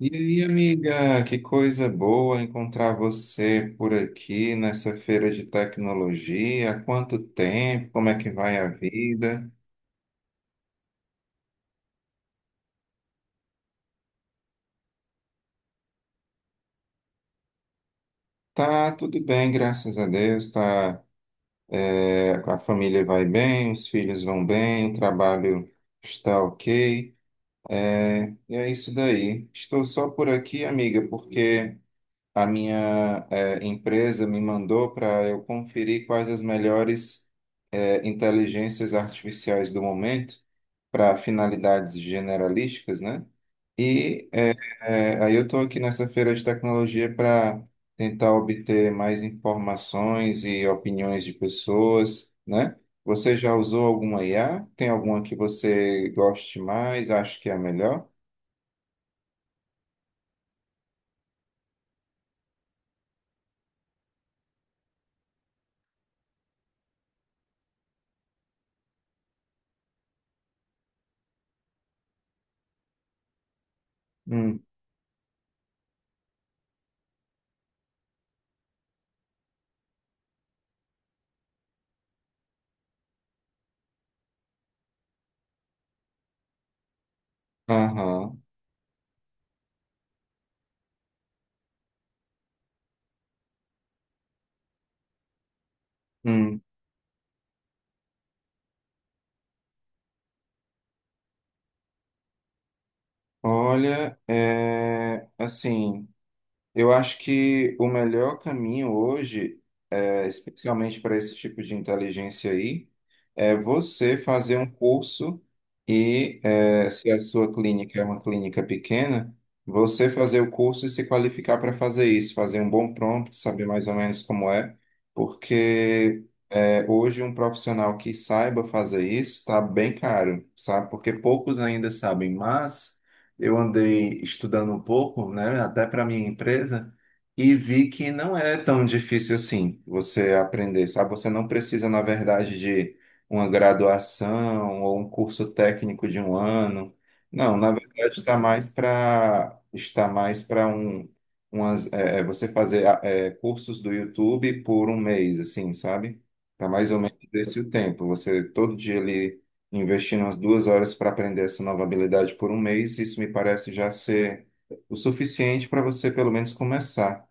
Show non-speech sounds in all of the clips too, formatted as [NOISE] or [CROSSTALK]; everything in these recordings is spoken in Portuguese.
E aí, amiga, que coisa boa encontrar você por aqui nessa feira de tecnologia. Há quanto tempo? Como é que vai a vida? Tá tudo bem, graças a Deus. A família vai bem, os filhos vão bem, o trabalho está ok. E é isso daí. Estou só por aqui, amiga, porque a minha empresa me mandou para eu conferir quais as melhores inteligências artificiais do momento para finalidades generalísticas, né? E Aí eu estou aqui nessa feira de tecnologia para tentar obter mais informações e opiniões de pessoas, né? Você já usou alguma IA? Tem alguma que você goste mais, acha que é a melhor? Hum. Aham. Hum. Assim, eu acho que o melhor caminho hoje especialmente para esse tipo de inteligência aí, é você fazer um curso se a sua clínica é uma clínica pequena, você fazer o curso e se qualificar para fazer isso, fazer um bom prompt, saber mais ou menos como é, porque hoje um profissional que saiba fazer isso está bem caro, sabe? Porque poucos ainda sabem, mas eu andei estudando um pouco, né, até para minha empresa. E vi que não é tão difícil assim você aprender, sabe? Você não precisa, na verdade, de uma graduação ou um curso técnico de um ano. Não, na verdade, está mais para um você fazer cursos do YouTube por um mês, assim, sabe? Tá mais ou menos desse o tempo. Você todo dia ali investindo umas duas horas para aprender essa nova habilidade por um mês, isso me parece já ser o suficiente para você pelo menos começar.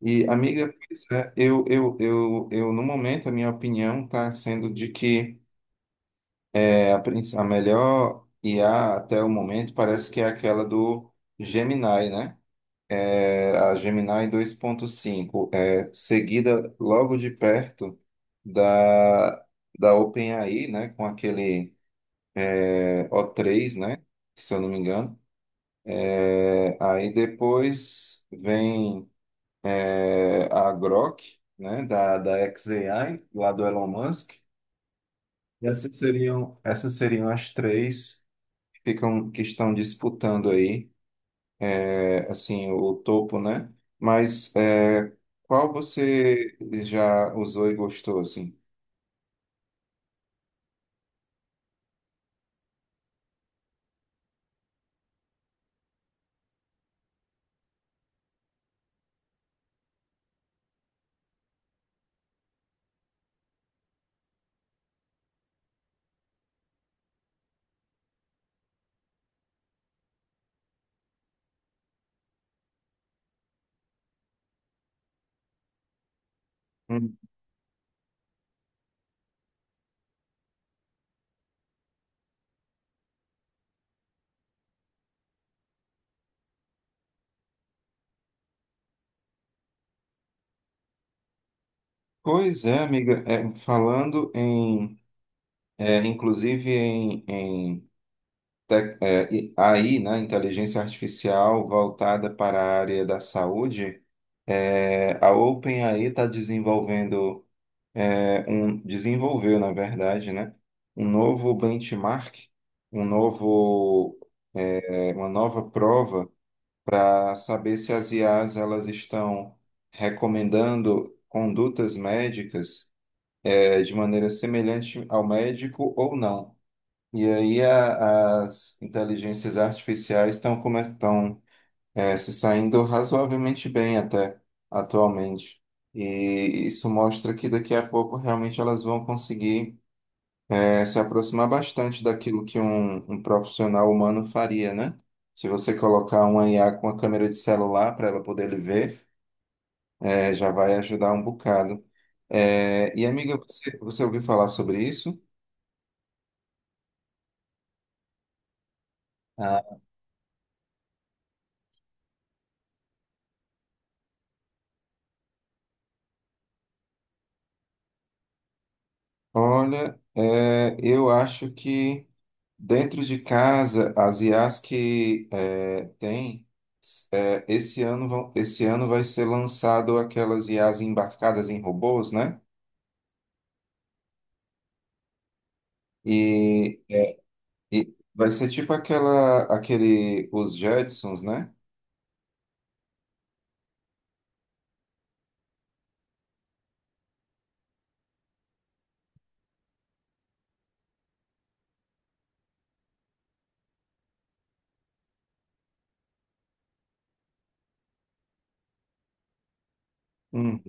E, amiga, pois é, eu, no momento, a minha opinião está sendo de que a melhor IA até o momento parece que é aquela do Gemini, né? A Gemini 2.5 seguida logo de perto da, da OpenAI, né? Com aquele o três né? Se eu não me engano. Aí depois vem. A Grok, né, da xAI, lá do Elon Musk. E essas seriam as três que ficam, que estão disputando aí, é, assim, o topo, né? Mas é, Qual você já usou e gostou, assim? Hum. Pois é, amiga, é, Falando inclusive em AI, né, inteligência artificial voltada para a área da saúde. A OpenAI está desenvolvendo, é, um, desenvolveu, na verdade, né, um novo benchmark, um novo, uma nova prova para saber se as IAs elas estão recomendando condutas médicas, de maneira semelhante ao médico ou não. E aí as inteligências artificiais estão começando, se saindo razoavelmente bem até atualmente. E isso mostra que daqui a pouco realmente elas vão conseguir, se aproximar bastante daquilo que um profissional humano faria, né? Se você colocar uma IA com a câmera de celular para ela poder lhe ver, é, já vai ajudar um bocado. E amiga, você ouviu falar sobre isso? Ah. Eu acho que dentro de casa, as IAs que é, tem, é, esse esse ano vai ser lançado aquelas IAs embarcadas em robôs, né? E, é, e vai ser tipo os Jetsons, né? Hum.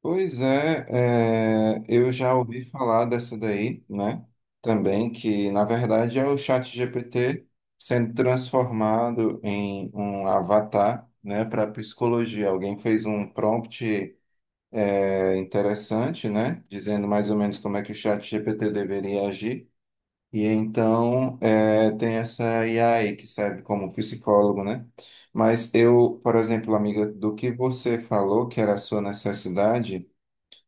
Pois é, eu já ouvi falar dessa daí, né? Também que, na verdade, é o chat ChatGPT sendo transformado em um avatar, né, para psicologia. Alguém fez um prompt interessante, né, dizendo mais ou menos como é que o chat ChatGPT deveria agir. E então tem essa AI que serve como psicólogo, né? Mas eu, por exemplo, amiga, do que você falou que era a sua necessidade.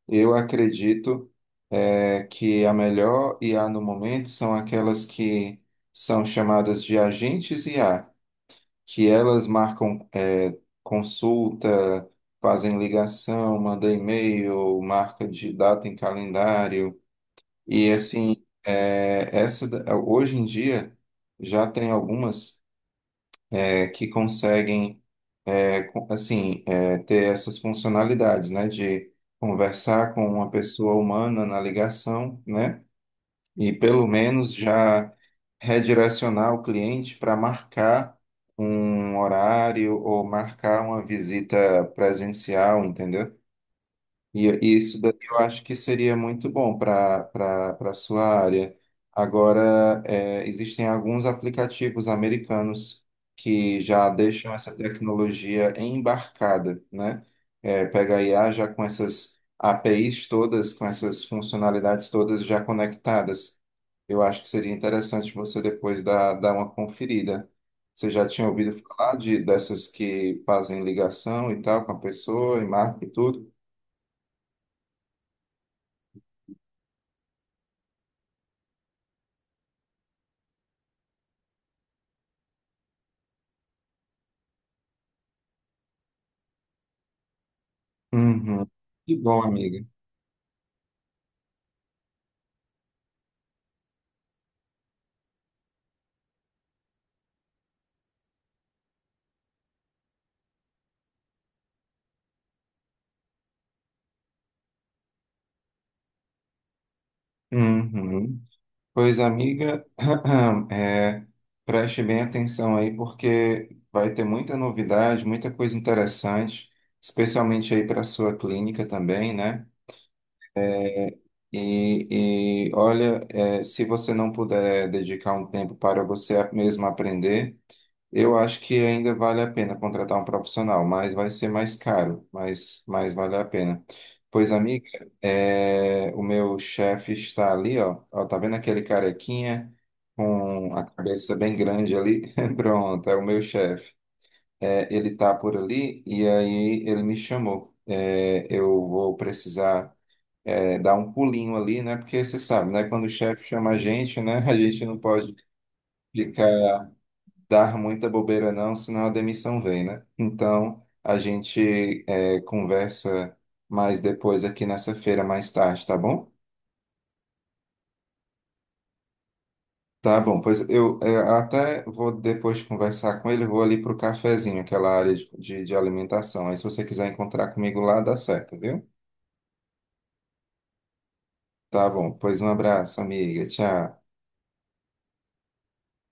Eu acredito que a melhor IA no momento são aquelas que são chamadas de agentes IA, que elas marcam consulta, fazem ligação, mandam e-mail, marca de data em calendário. E assim, hoje em dia já tem algumas que conseguem, assim, ter essas funcionalidades, né, de conversar com uma pessoa humana na ligação, né, e pelo menos já redirecionar o cliente para marcar um horário ou marcar uma visita presencial, entendeu? E isso daí eu acho que seria muito bom para sua área. Agora, existem alguns aplicativos americanos que já deixam essa tecnologia embarcada, né? É, pega a IA já com essas APIs todas, com essas funcionalidades todas já conectadas. Eu acho que seria interessante você depois dar uma conferida. Você já tinha ouvido falar dessas que fazem ligação e tal com a pessoa e marca e tudo? Uhum. Que bom, amiga. Uhum. Pois, amiga, [CLEARS THROAT] é, preste bem atenção aí, porque vai ter muita novidade, muita coisa interessante, especialmente aí para a sua clínica também, né? E olha, se você não puder dedicar um tempo para você mesmo aprender, eu acho que ainda vale a pena contratar um profissional, mas vai ser mais caro, mas vale a pena. Pois, amiga, o meu chefe está ali, ó, ó, tá vendo aquele carequinha com a cabeça bem grande ali? [LAUGHS] Pronto, é o meu chefe. Ele tá por ali e aí ele me chamou. Eu vou precisar dar um pulinho ali, né? Porque você sabe, né? Quando o chefe chama a gente, né? [LAUGHS] A gente não pode ficar dar muita bobeira não, senão a demissão vem, né? Então, a gente conversa mais depois aqui nessa feira, mais tarde, tá bom? Tá bom, pois eu até vou depois conversar com ele, eu vou ali pro cafezinho, aquela área de alimentação. Aí se você quiser encontrar comigo lá, dá certo, viu? Tá bom, pois um abraço, amiga. Tchau.